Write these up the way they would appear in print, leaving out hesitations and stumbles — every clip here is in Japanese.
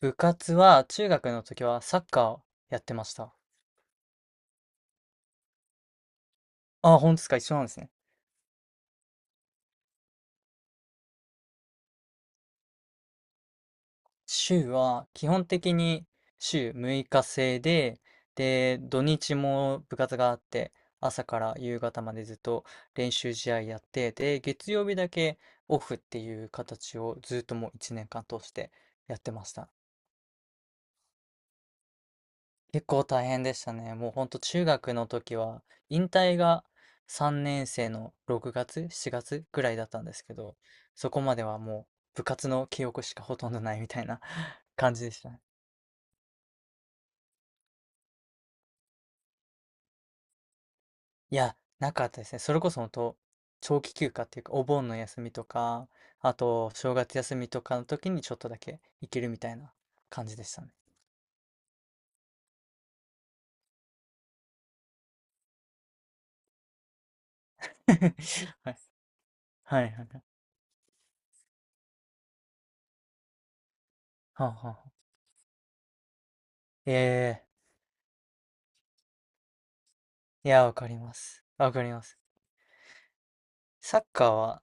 部活は中学の時はサッカーをやってました。ああ、本当ですか、一緒なんですね。週は基本的に週6日制で、土日も部活があって、朝から夕方までずっと練習試合やって、で、月曜日だけオフっていう形をずっともう1年間通してやってました。結構大変でしたね。もうほんと中学の時は、引退が3年生の6月、7月ぐらいだったんですけど、そこまではもう部活の記憶しかほとんどないみたいな 感じでしたね。いや、なかったですね。それこそほんと、長期休暇っていうか、お盆の休みとか、あと、正月休みとかの時にちょっとだけ行けるみたいな感じでしたね。はい、はい、はい。はあはあはあ、ええ、いや、わかります。わかります。サッカーは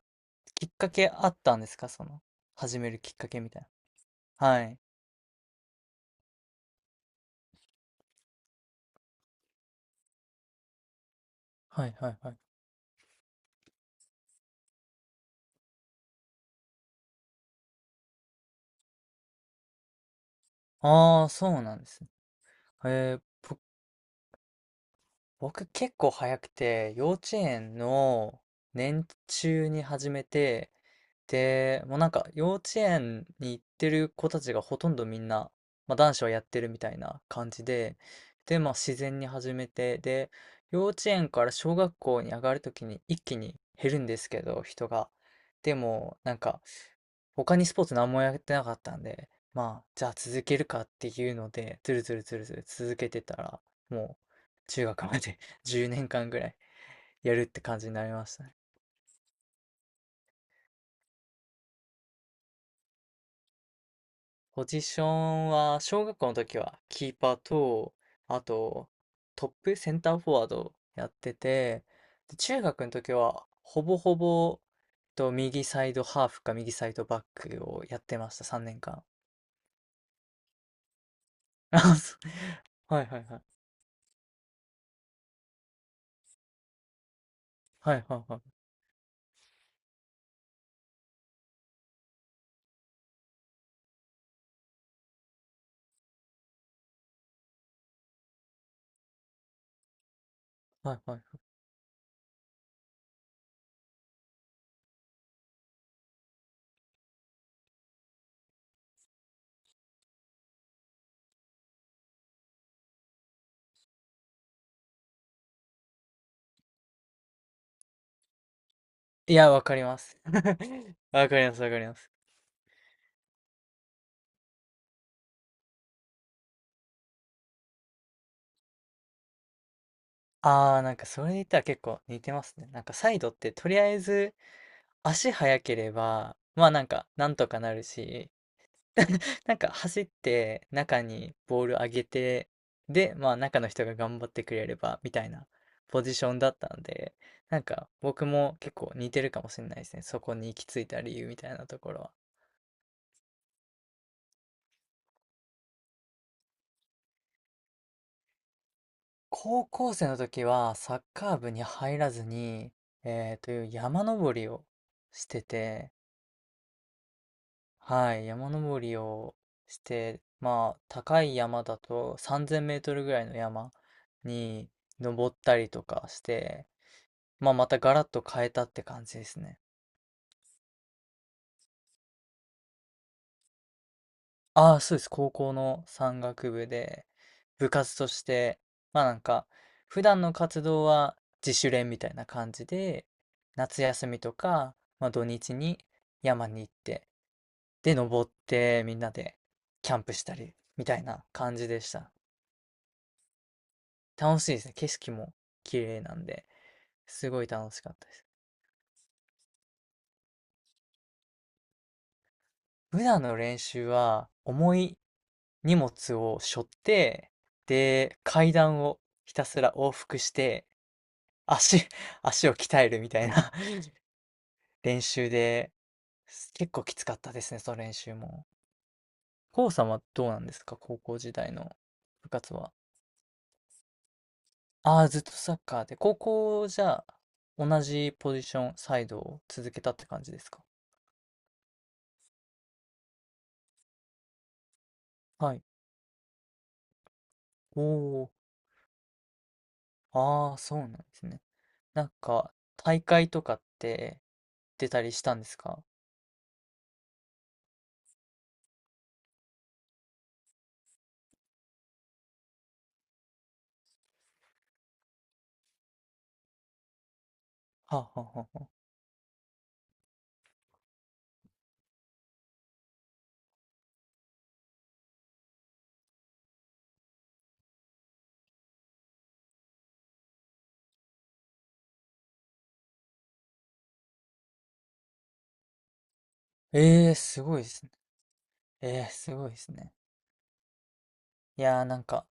きっかけあったんですか、その、始めるきっかけみたいな。はい。はいはいはい。ああ、そうなんですね。えー、僕結構早くて、幼稚園の年中に始めて、で、もうなんか幼稚園に行ってる子たちがほとんどみんな、まあ、男子はやってるみたいな感じで、で、まあ自然に始めて、で、幼稚園から小学校に上がるときに一気に減るんですけど、人が。でも、なんか、他にスポーツ何もやってなかったんで、まあ、じゃあ続けるかっていうので、ずるずるずるずる続けてたら、もう中学まで 10年間ぐらいやるって感じになりましたね。ポジションは、小学校の時はキーパーと、あと、トップ、センターフォワードやってて、で中学の時は、ほぼほぼ、と、右サイドハーフか右サイドバックをやってました、3年間。あ、そう、はいはいはい。はいはいはい。はいはいはい。いや、わかります。わかります、わかります。ああ、なんかそれで言ったら結構似てますね。なんかサイドってとりあえず足速ければ、まあなんか、なんとかなるし、なんか走って中にボール上げて、で、まあ中の人が頑張ってくれれば、みたいなポジションだったんで、なんか僕も結構似てるかもしれないですね。そこに行き着いた理由みたいなところは。高校生の時はサッカー部に入らずに、えーという山登りをしてて、はい、山登りをして、まあ、高い山だと3000メートルぐらいの山に登ったりとかして、まあ、またガラッと変えたって感じですね。ああ、そうです。高校の山岳部で、部活として、まあなんか、普段の活動は自主練みたいな感じで、夏休みとか、まあ土日に山に行って、で、登ってみんなでキャンプしたり、みたいな感じでした。楽しいですね。景色も綺麗なんで、すごい楽しかったです。普段の練習は、重い荷物を背負って、で、階段をひたすら往復して、足、足を鍛えるみたいな 練習で、結構きつかったですね、その練習も。コウさんはどうなんですか、高校時代の部活は。ああ、ずっとサッカーで、高校じゃあ、同じポジション、サイドを続けたって感じですか。はい。おお。ああ、そうなんですね。なんか、大会とかって出たりしたんですか。はあ、はあはあはあ、ええ、すごいですね。ええ、すごいですね。いやー、なんか、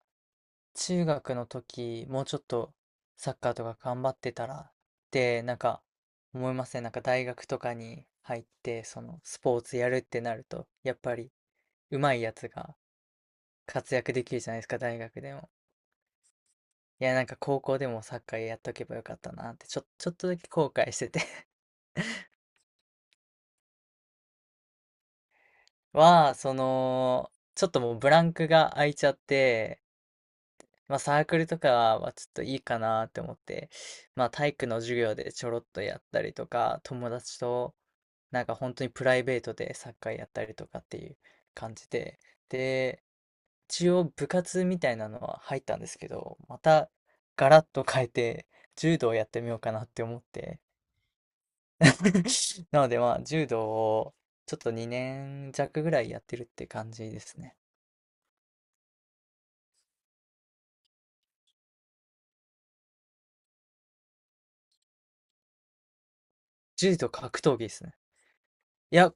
中学の時、もうちょっとサッカーとか頑張ってたらって、なんか、思いません。なんか、大学とかに入って、その、スポーツやるってなると、やっぱり、上手いやつが活躍できるじゃないですか、大学でも。いや、なんか、高校でもサッカーやっとけばよかったなって、ちょっとだけ後悔してては、その、ちょっともうブランクが空いちゃって、まあサークルとかはちょっといいかなって思って、まあ体育の授業でちょろっとやったりとか、友達となんか本当にプライベートでサッカーやったりとかっていう感じで、で、一応部活みたいなのは入ったんですけど、またガラッと変えて柔道をやってみようかなって思って、なのでまあ柔道をちょっと2年弱ぐらいやってるって感じですね。柔道格闘技ですね。いや、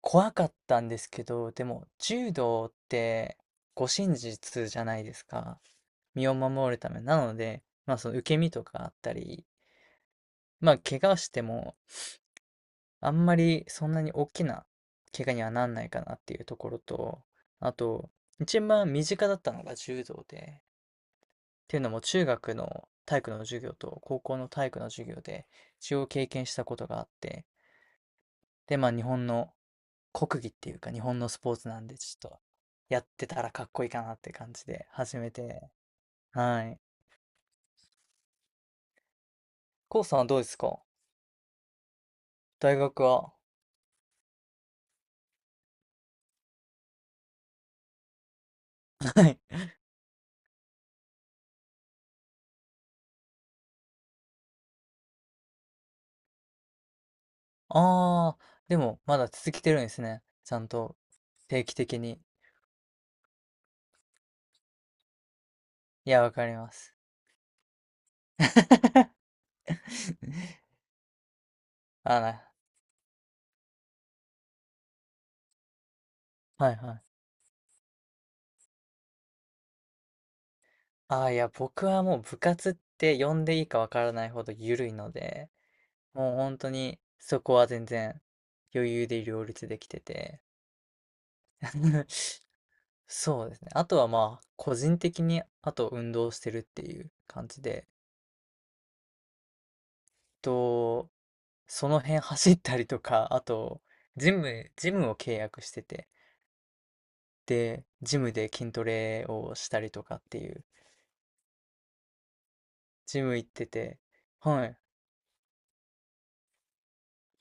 怖かったんですけど、でも柔道って護身術じゃないですか。身を守るため。なので、まあその受け身とかあったり、まあ怪我してもあんまりそんなに大きな怪我にはなんないかなっていうところと、あと、一番身近だったのが柔道で、っていうのも中学の体育の授業と高校の体育の授業で一応経験したことがあって、で、まあ日本の国技っていうか日本のスポーツなんで、ちょっとやってたらかっこいいかなって感じで始めて。はい。コウさんはどうですか、大学は。はい。ああ、でもまだ続けてるんですね。ちゃんと定期的に。いや、わかります。あら、はいはい。ああ、いや、僕はもう部活って呼んでいいかわからないほど緩いので、もう本当にそこは全然余裕で両立できてて。そうですね。あとはまあ、個人的に、あと運動してるっていう感じで、と、その辺走ったりとか、あと、ジムを契約してて、で、ジムで筋トレをしたりとかっていう、ジム行ってて、はい、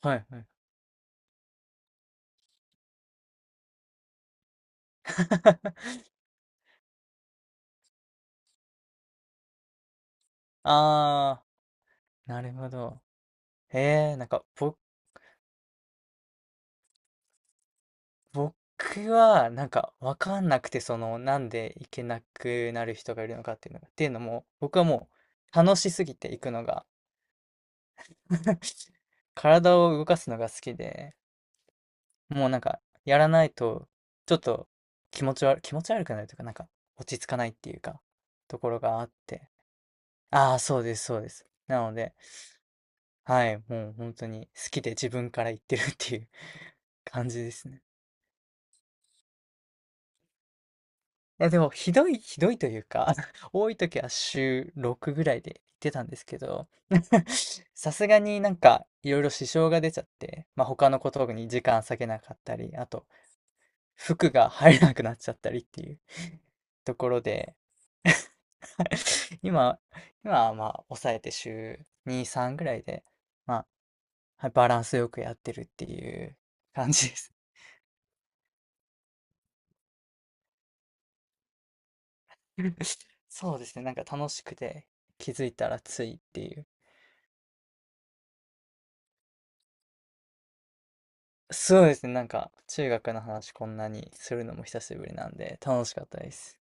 はい、はい。あー、なるほど。えー、なんか、僕は、なんか、わかんなくて、その、なんで行けなくなる人がいるのかっていうのが、っていうのも、僕はもう、楽しすぎて行くのが、体を動かすのが好きで、もうなんか、やらないと、ちょっと気持ち悪くなるというか、なんか、落ち着かないっていうか、ところがあって。ああ、そうです、そうです。なので、はい、もう本当に好きで自分から言ってるっていう 感じですね。いやでも、ひどいというか、多い時は週6ぐらいで行ってたんですけど、さすがになんかいろいろ支障が出ちゃって、まあ、他のことに時間割けなかったり、あと服が入らなくなっちゃったりっていう ところで 今、今はまあ抑えて週2、3ぐらいで、まあ、はい、バランスよくやってるっていう感じです。そうですね、なんか楽しくて気づいたらついっていう。そうですね、なんか中学の話こんなにするのも久しぶりなんで楽しかったです。